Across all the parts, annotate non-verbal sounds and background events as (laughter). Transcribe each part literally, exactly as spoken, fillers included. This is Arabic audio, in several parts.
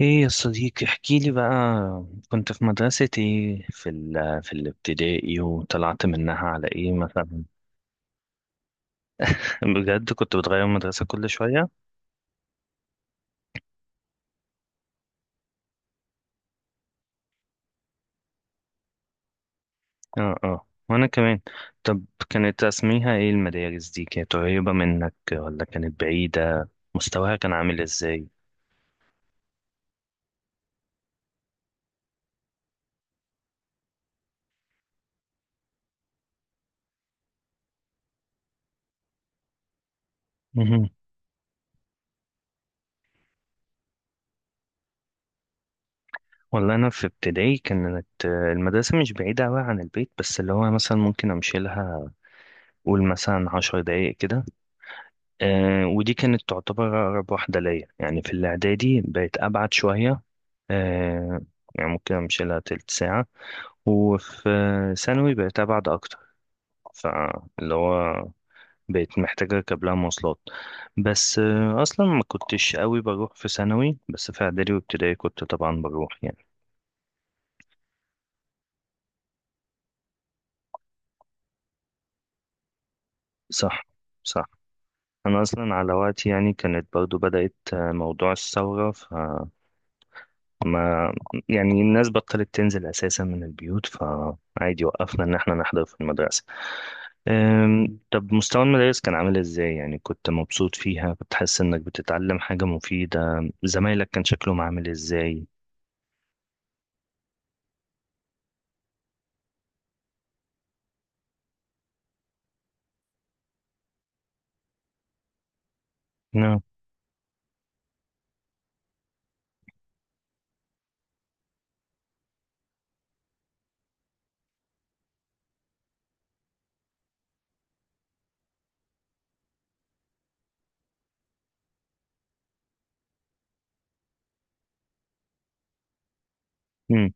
ايه يا صديقي، احكي لي بقى. كنت في مدرسة ايه، في ال في الابتدائي، وطلعت منها على ايه مثلا؟ (laughs) بجد كنت بتغير مدرسة كل شوية؟ اه، اه، وانا كمان. طب كانت اسميها ايه المدارس دي؟ كانت قريبة منك ولا كانت بعيدة؟ مستواها كان عامل ازاي؟ مهم. والله انا في ابتدائي كانت المدرسة مش بعيدة اوي عن البيت، بس اللي هو مثلا ممكن امشي لها، قول مثلا عشر دقايق كده. آه ودي كانت تعتبر أقرب واحدة ليا، يعني في الإعدادي بقت أبعد شوية. آه يعني ممكن أمشي لها تلت ساعة. وفي ثانوي بقت أبعد أكتر، فاللي هو بقيت محتاجة أركب لها مواصلات. بس آه أصلا ما كنتش قوي بروح في ثانوي، بس في إعدادي وابتدائي كنت طبعا بروح يعني. صح، صح. أنا أصلا على وقتي يعني كانت برضو بدأت آه، موضوع الثورة. ما يعني الناس بطلت تنزل أساسا من البيوت، فعادي وقفنا إن احنا نحضر في المدرسة. أم، طب مستوى المدارس كان عامل إزاي؟ يعني كنت مبسوط فيها؟ كنت حاسس إنك بتتعلم حاجة مفيدة؟ زمايلك كان شكلهم عامل إزاي؟ نعم. أمم،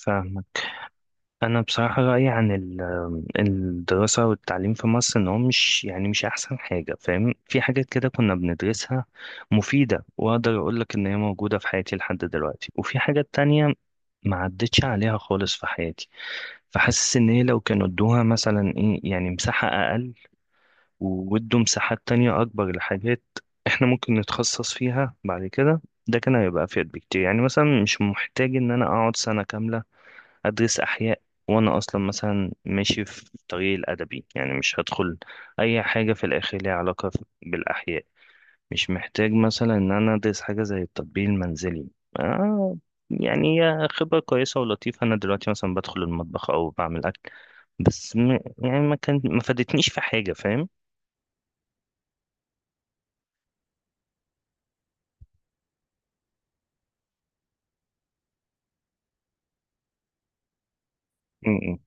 فاهمك. أنا بصراحة رأيي عن ال- الدراسة والتعليم في مصر إن هو مش، يعني مش أحسن حاجة، فاهم؟ في حاجات كده كنا بندرسها مفيدة، وأقدر أقول لك إن هي موجودة في حياتي لحد دلوقتي، وفي حاجات تانية ما عدتش عليها خالص في حياتي. فحاسس ان هي لو كانوا ادوها مثلا ايه يعني مساحة اقل، وودوا مساحات تانية اكبر لحاجات احنا ممكن نتخصص فيها بعد كده، ده كان هيبقى افيد بكتير. يعني مثلا مش محتاج ان انا اقعد سنة كاملة ادرس احياء وانا اصلا مثلا ماشي في طريق الادبي، يعني مش هدخل اي حاجة في الاخر ليها علاقة بالاحياء. مش محتاج مثلا ان انا ادرس حاجه زي التطبيق المنزلي. آه، يعني هي خبره كويسه ولطيفه، انا دلوقتي مثلا بدخل المطبخ او بعمل اكل، بس م يعني ما كان ما فادتنيش في حاجه، فاهم؟ م- م.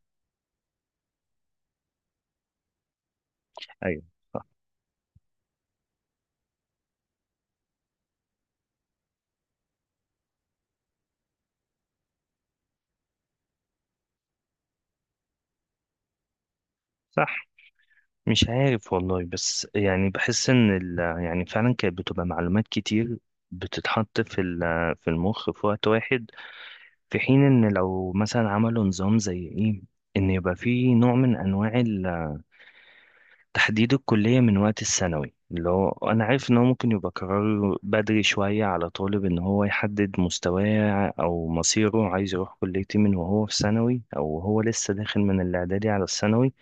ايوه، صح، صح. مش عارف والله، بس يعني بحس ان ال، يعني فعلا كانت بتبقى معلومات كتير بتتحط في ال- في المخ في وقت واحد. في حين ان لو مثلا عملوا نظام زي ايه، ان يبقى فيه نوع من انواع تحديد الكلية من وقت الثانوي. اللي هو أنا عارف إن هو ممكن يبقى قرار بدري شوية على طالب، إن هو يحدد مستواه أو مصيره، عايز يروح كلية إيه، من وهو في ثانوي، أو هو لسه داخل من الإعدادي على الثانوي.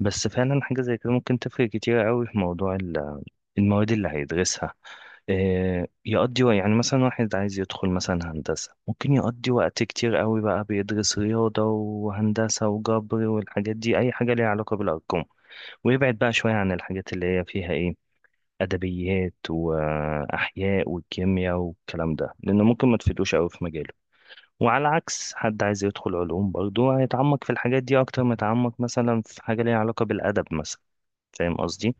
بس فعلا حاجة زي كده ممكن تفرق كتير أوي في موضوع ال- المواد اللي هيدرسها. آه، يقضي وقت- يعني مثلا واحد عايز يدخل مثلا هندسة، ممكن يقضي وقت كتير أوي بقى بيدرس رياضة وهندسة وجبر والحاجات دي، أي حاجة ليها علاقة بالأرقام. ويبعد بقى شوية عن الحاجات اللي هي فيها ايه، أدبيات وأحياء والكيمياء والكلام ده، لأنه ممكن ما تفيدوش أوي في مجاله. وعلى عكس حد عايز يدخل علوم، برضه هيتعمق في الحاجات دي أكتر ما يتعمق مثلا في حاجة ليها علاقة بالأدب مثلا. فاهم قصدي؟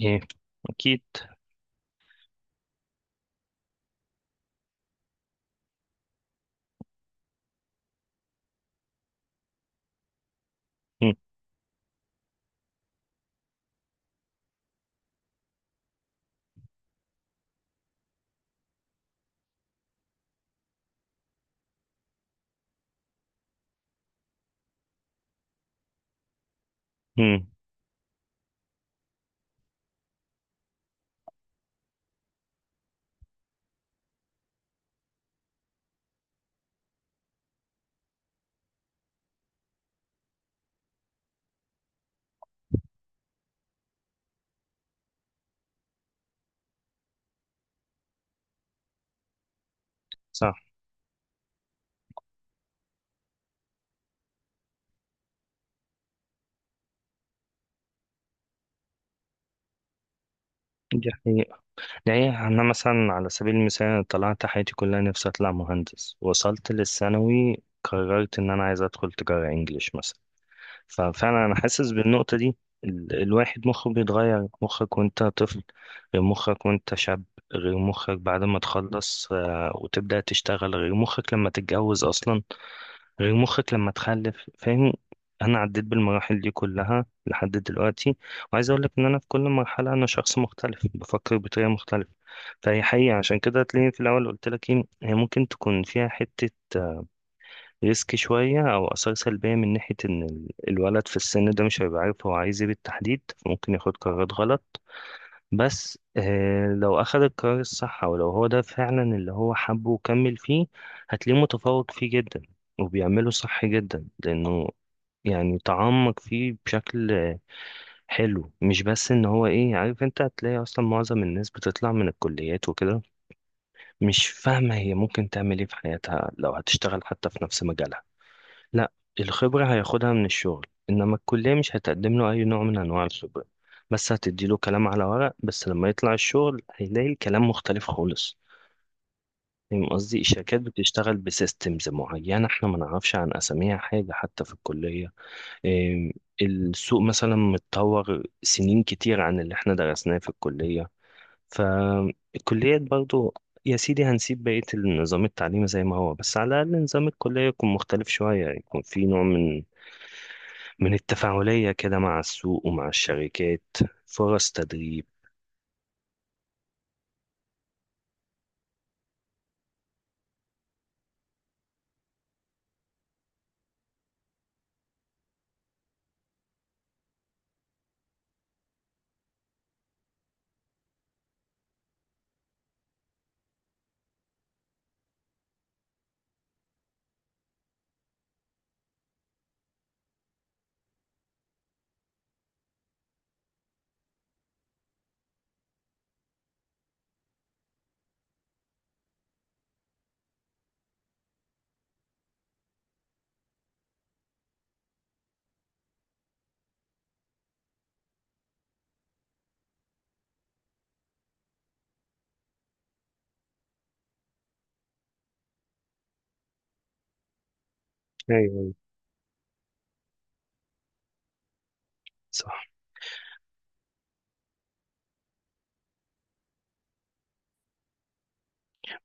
ايه، أكيد. مم. مم. صح. دي حقيقة، دي حقيقة. أنا مثلا على سبيل المثال طلعت حياتي كلها نفسي أطلع مهندس، وصلت للثانوي قررت إن أنا عايز أدخل تجارة إنجليش مثلا. ففعلا انا حاسس بالنقطة دي. ال- الواحد مخه بيتغير، مخك وانت طفل غير مخك وانت شاب، غير مخك بعد ما تخلص آه، وتبدأ تشتغل، غير مخك لما تتجوز اصلا، غير مخك لما تخلف، فاهم؟ انا عديت بالمراحل دي كلها لحد دلوقتي، وعايز اقول لك ان انا في كل مرحلة انا شخص مختلف بفكر بطريقة مختلفة. فهي حقيقة، عشان كده تلاقيني في الاول قلت لك ايه، هي ممكن تكون فيها حتة ريسك شوية أو آثار سلبية من ناحية إن ال- الولد في السن ده مش هيبقى عارف هو عايز إيه بالتحديد، فممكن ياخد قرارات غلط. بس آه لو أخد القرار الصح، أو لو هو ده فعلا اللي هو حبه وكمل فيه، هتلاقيه متفوق فيه جدا وبيعمله صح جدا، لأنه يعني تعمق فيه بشكل آه، حلو. مش بس ان هو ايه، عارف، انت هتلاقي اصلا معظم الناس بتطلع من الكليات وكده مش فاهمة هي ممكن تعمل ايه في حياتها، لو هتشتغل حتى في نفس مجالها. لا، الخبرة هياخدها من الشغل، إنما الكلية مش هتقدم له أي نوع من أنواع الخبرة، بس هتديله كلام على ورق. بس لما يطلع الشغل هيلاقي الكلام مختلف خالص، فاهم قصدي؟ الشركات بتشتغل بسيستمز معينة احنا ما نعرفش عن أساميها حاجة حتى في الكلية. إيه، السوق مثلا متطور سنين كتير عن اللي احنا درسناه في الكلية. فالكليات برضو، يا سيدي هنسيب بقية النظام التعليمي زي ما هو، بس على الأقل نظام الكلية يكون مختلف شوية، يكون في نوع من، من التفاعلية كده مع السوق ومع الشركات، فرص تدريب. ايوه، صح.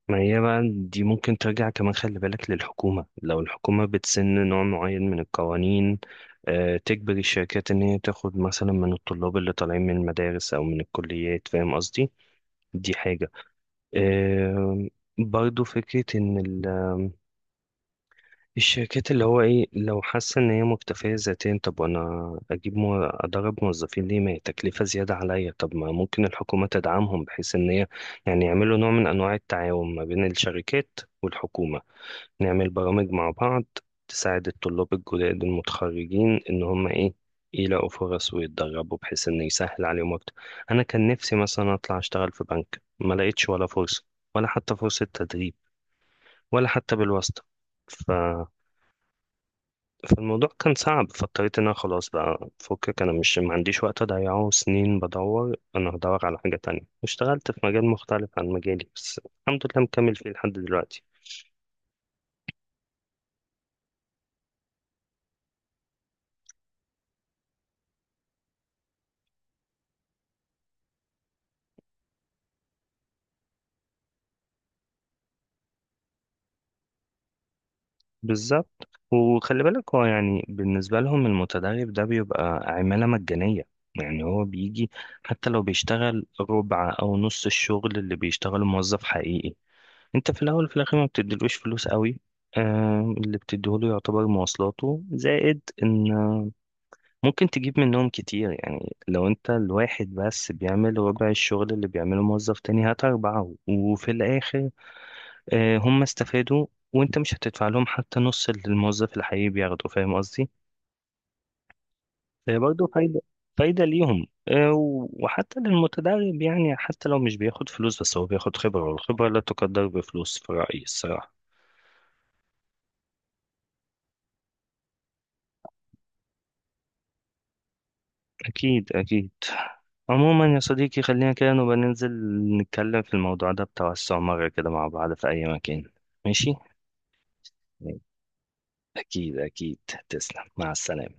ما هي بقى دي ممكن ترجع كمان، خلي بالك، للحكومة. لو الحكومة بتسن نوع معين من القوانين، آه، تجبر الشركات إن هي تاخد مثلا من الطلاب اللي طالعين من المدارس أو من الكليات، فاهم قصدي؟ دي حاجة. آه، برضو فكرة إن الشركات اللي هو ايه لو حاسه ان هي مكتفيه ذاتيا، طب وانا اجيب مو... ادرب موظفين ليه، ما هي تكلفه زياده عليا. طب ما ممكن الحكومه تدعمهم، بحيث ان هي يعني يعملوا نوع من انواع التعاون ما بين الشركات والحكومه، نعمل برامج مع بعض تساعد الطلاب الجداد المتخرجين ان هم ايه يلاقوا فرص ويتدربوا، بحيث ان يسهل عليهم اكتر. انا كان نفسي مثلا اطلع اشتغل في بنك، ما لقيتش ولا فرصه، ولا حتى فرصه تدريب، ولا حتى بالواسطه. فالموضوع كان صعب، فاضطريت ان انا خلاص بقى فكك، انا مش، ما عنديش وقت اضيعه سنين بدور، انا هدور على حاجة تانية. اشتغلت في مجال مختلف عن مجالي، بس الحمد لله مكمل فيه لحد دلوقتي. بالظبط. وخلي بالك هو يعني بالنسبة لهم المتدرب ده بيبقى عمالة مجانية، يعني هو بيجي، حتى لو بيشتغل ربع أو نص الشغل اللي بيشتغله موظف حقيقي، انت في الأول وفي الآخر ما بتديلوش فلوس قوي. آه، اللي بتديهوله يعتبر مواصلاته، زائد ان ممكن تجيب منهم كتير، يعني لو انت الواحد بس بيعمل ربع الشغل اللي بيعمله موظف تاني، هات أربعة وفي الآخر آه، هم استفادوا، وانت مش هتدفع لهم حتى نص اللي الموظف الحقيقي بياخده، فاهم قصدي؟ فهي برضه فايدة، فايدة ليهم. آه، و- وحتى للمتدرب، يعني حتى لو مش بياخد فلوس بس هو بياخد خبرة، والخبرة لا تقدر بفلوس في رأيي الصراحة. أكيد، أكيد. عموما يا صديقي، خلينا كده نبقى ننزل نتكلم في الموضوع ده بتوسع مرة كده مع بعض في أي مكان، ماشي؟ أكيد، أكيد. تسلم، مع السلامة.